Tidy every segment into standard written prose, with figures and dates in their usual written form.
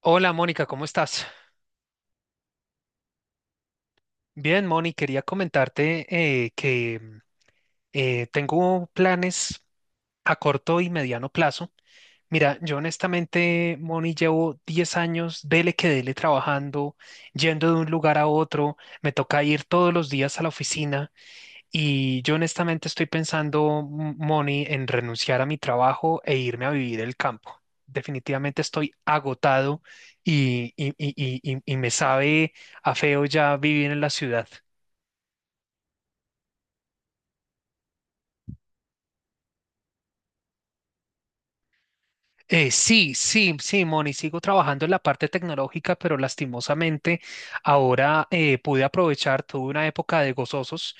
Hola Mónica, ¿cómo estás? Bien, Moni, quería comentarte eh, que mm, tengo planes a corto y mediano plazo. Mira, yo honestamente, Moni, llevo 10 años, dele que dele, trabajando, yendo de un lugar a otro, me toca ir todos los días a la oficina. Y yo honestamente estoy pensando, Moni, en renunciar a mi trabajo e irme a vivir el campo. Definitivamente estoy agotado y me sabe a feo ya vivir en la ciudad. Sí, sí, sí, Moni, sigo trabajando en la parte tecnológica, pero lastimosamente ahora pude aprovechar, tuve una época de gozosos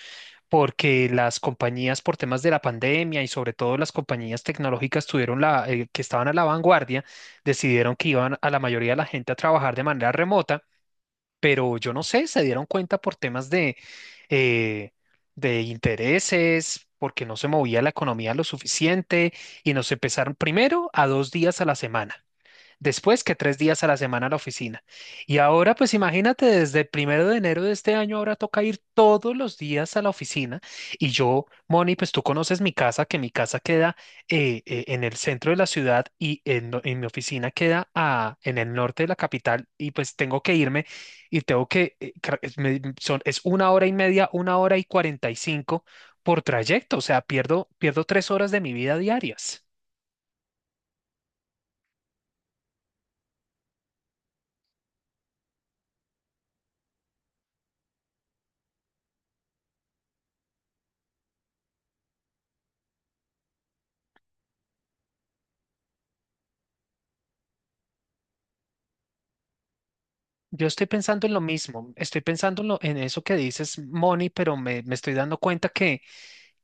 porque las compañías por temas de la pandemia y sobre todo las compañías tecnológicas tuvieron que estaban a la vanguardia, decidieron que iban a la mayoría de la gente a trabajar de manera remota, pero yo no sé, se dieron cuenta por temas de, eh, de intereses, porque no se movía la economía lo suficiente y nos empezaron primero a 2 días a la semana, después que 3 días a la semana a la oficina. Y ahora, pues imagínate, desde el 1 de enero de este año, ahora toca ir todos los días a la oficina. Y yo, Moni, pues tú conoces mi casa, que mi casa queda en el centro de la ciudad y en mi oficina queda en el norte de la capital. Y pues tengo que irme y tengo que, es 1 hora y media, 1 hora y 45 por trayecto. O sea, pierdo 3 horas de mi vida diarias. Yo estoy pensando en lo mismo, estoy pensando en eso que dices, Moni, pero me estoy dando cuenta que,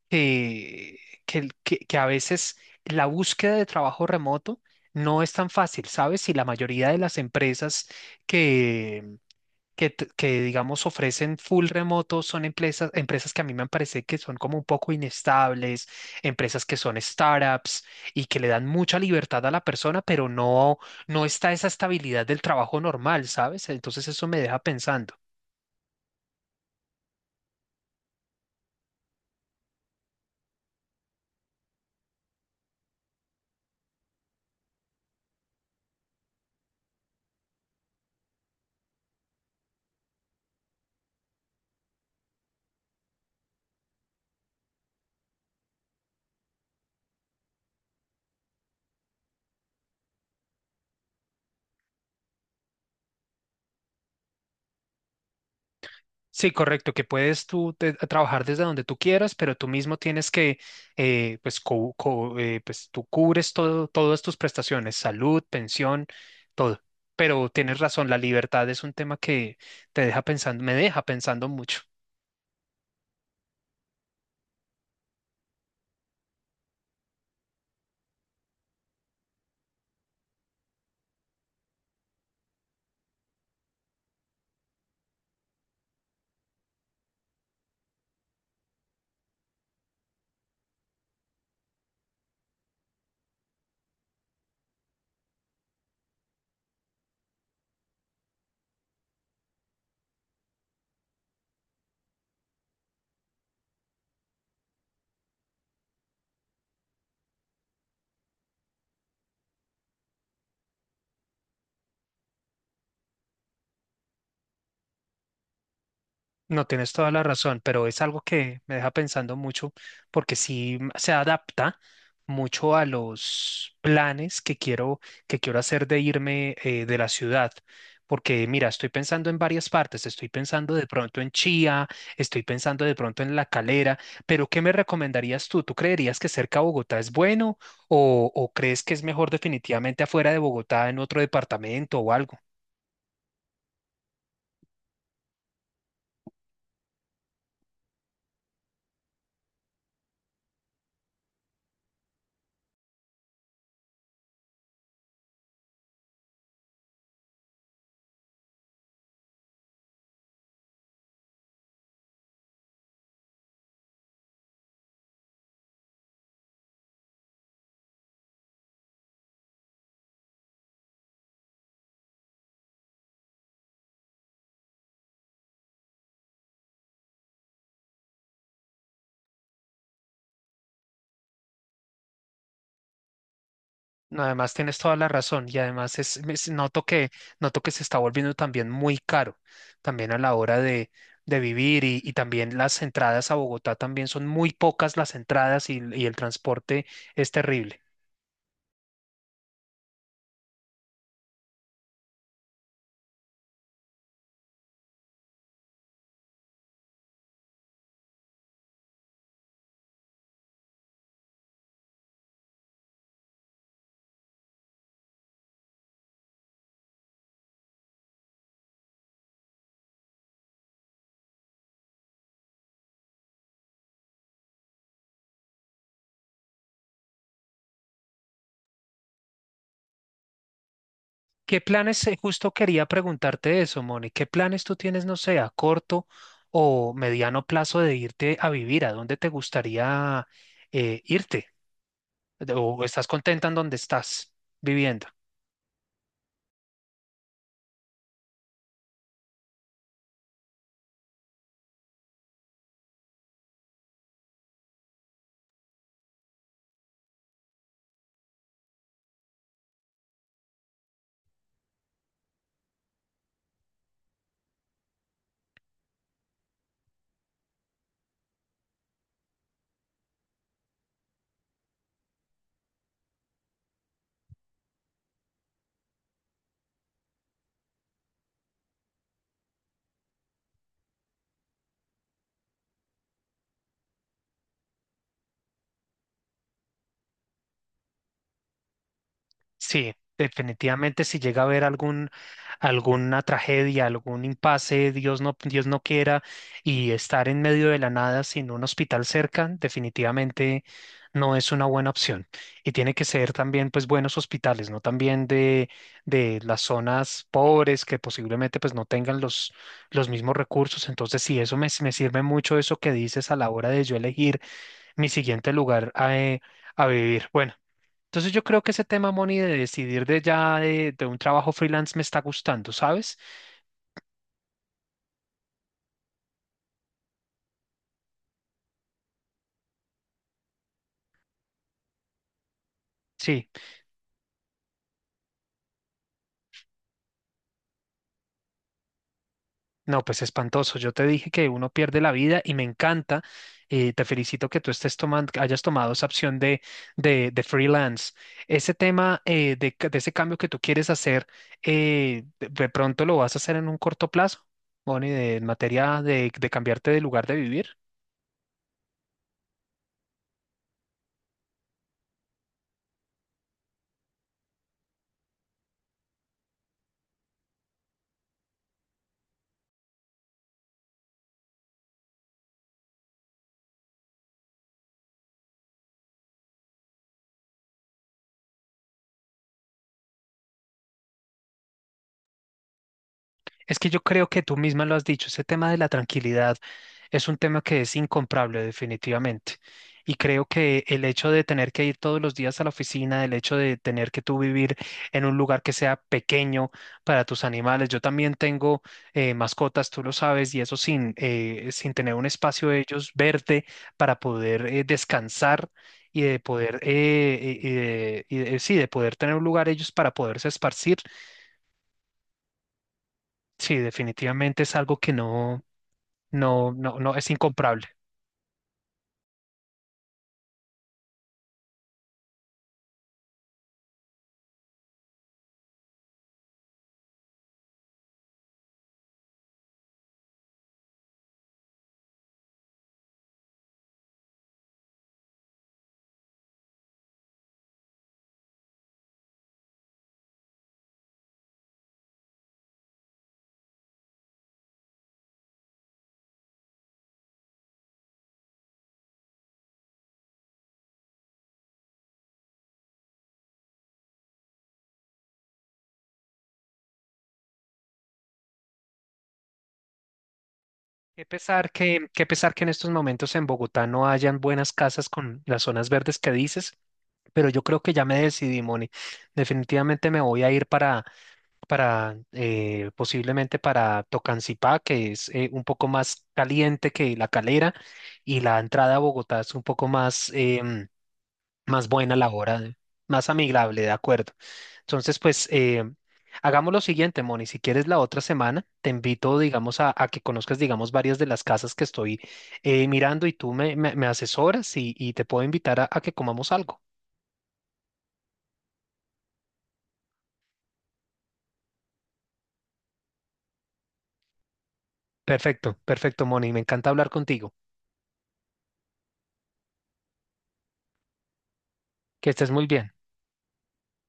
que, que a veces la búsqueda de trabajo remoto no es tan fácil, ¿sabes? Y la mayoría de las empresas digamos ofrecen full remoto son empresas que a mí me parece que son como un poco inestables, empresas que son startups y que le dan mucha libertad a la persona, pero no, no está esa estabilidad del trabajo normal, ¿sabes? Entonces eso me deja pensando. Sí, correcto, que puedes trabajar desde donde tú quieras, pero tú mismo tienes que, pues, tú cubres todo, todas tus prestaciones, salud, pensión, todo. Pero tienes razón, la libertad es un tema que me deja pensando mucho. No, tienes toda la razón, pero es algo que me deja pensando mucho porque sí se adapta mucho a los planes que quiero hacer de irme de la ciudad. Porque mira, estoy pensando en varias partes, estoy pensando de pronto en Chía, estoy pensando de pronto en La Calera, pero ¿qué me recomendarías tú? ¿Tú creerías que cerca a Bogotá es bueno o crees que es mejor definitivamente afuera de Bogotá en otro departamento o algo? No, además tienes toda la razón y además noto que se está volviendo también muy caro, también a la hora de vivir y también las entradas a Bogotá también son muy pocas las entradas y el transporte es terrible. ¿Qué planes, justo quería preguntarte eso, Moni, qué planes tú tienes, no sé, a corto o mediano plazo de irte a vivir? ¿A dónde te gustaría irte? ¿O estás contenta en donde estás viviendo? Sí, definitivamente si llega a haber alguna tragedia, algún impasse, Dios no quiera, y estar en medio de la nada sin un hospital cerca, definitivamente no es una buena opción. Y tiene que ser también pues buenos hospitales, no también de las zonas pobres que posiblemente pues no tengan los mismos recursos. Entonces sí, me sirve mucho eso que dices a la hora de yo elegir mi siguiente lugar a vivir. Bueno. Entonces yo creo que ese tema, Moni, de decidir de ya de un trabajo freelance me está gustando, ¿sabes? Sí, no, pues espantoso. Yo te dije que uno pierde la vida y me encanta. Te felicito que tú estés tomando, que hayas tomado esa opción de freelance. Ese tema de ese cambio que tú quieres hacer, de pronto lo vas a hacer en un corto plazo, Moni, en materia de cambiarte de lugar de vivir. Es que yo creo que tú misma lo has dicho, ese tema de la tranquilidad es un tema que es incomparable definitivamente. Y creo que el hecho de tener que ir todos los días a la oficina, el hecho de tener que tú vivir en un lugar que sea pequeño para tus animales, yo también tengo mascotas, tú lo sabes, y eso sin, sin tener un espacio de ellos verde para poder descansar y de poder, sí, de poder tener un lugar ellos para poderse esparcir. Sí, definitivamente es algo que no, es incomparable. Qué pesar que en estos momentos en Bogotá no hayan buenas casas con las zonas verdes que dices, pero yo creo que ya me decidí, Moni. Definitivamente me voy a ir para posiblemente para Tocancipá, que es un poco más caliente que La Calera, y la entrada a Bogotá es un poco más, más buena la hora, más amigable, de acuerdo. Entonces, pues hagamos lo siguiente, Moni, si quieres la otra semana, te invito, digamos, a que conozcas, digamos, varias de las casas que estoy mirando y me asesoras y te puedo invitar a que comamos algo. Perfecto, perfecto, Moni, me encanta hablar contigo. Que estés muy bien.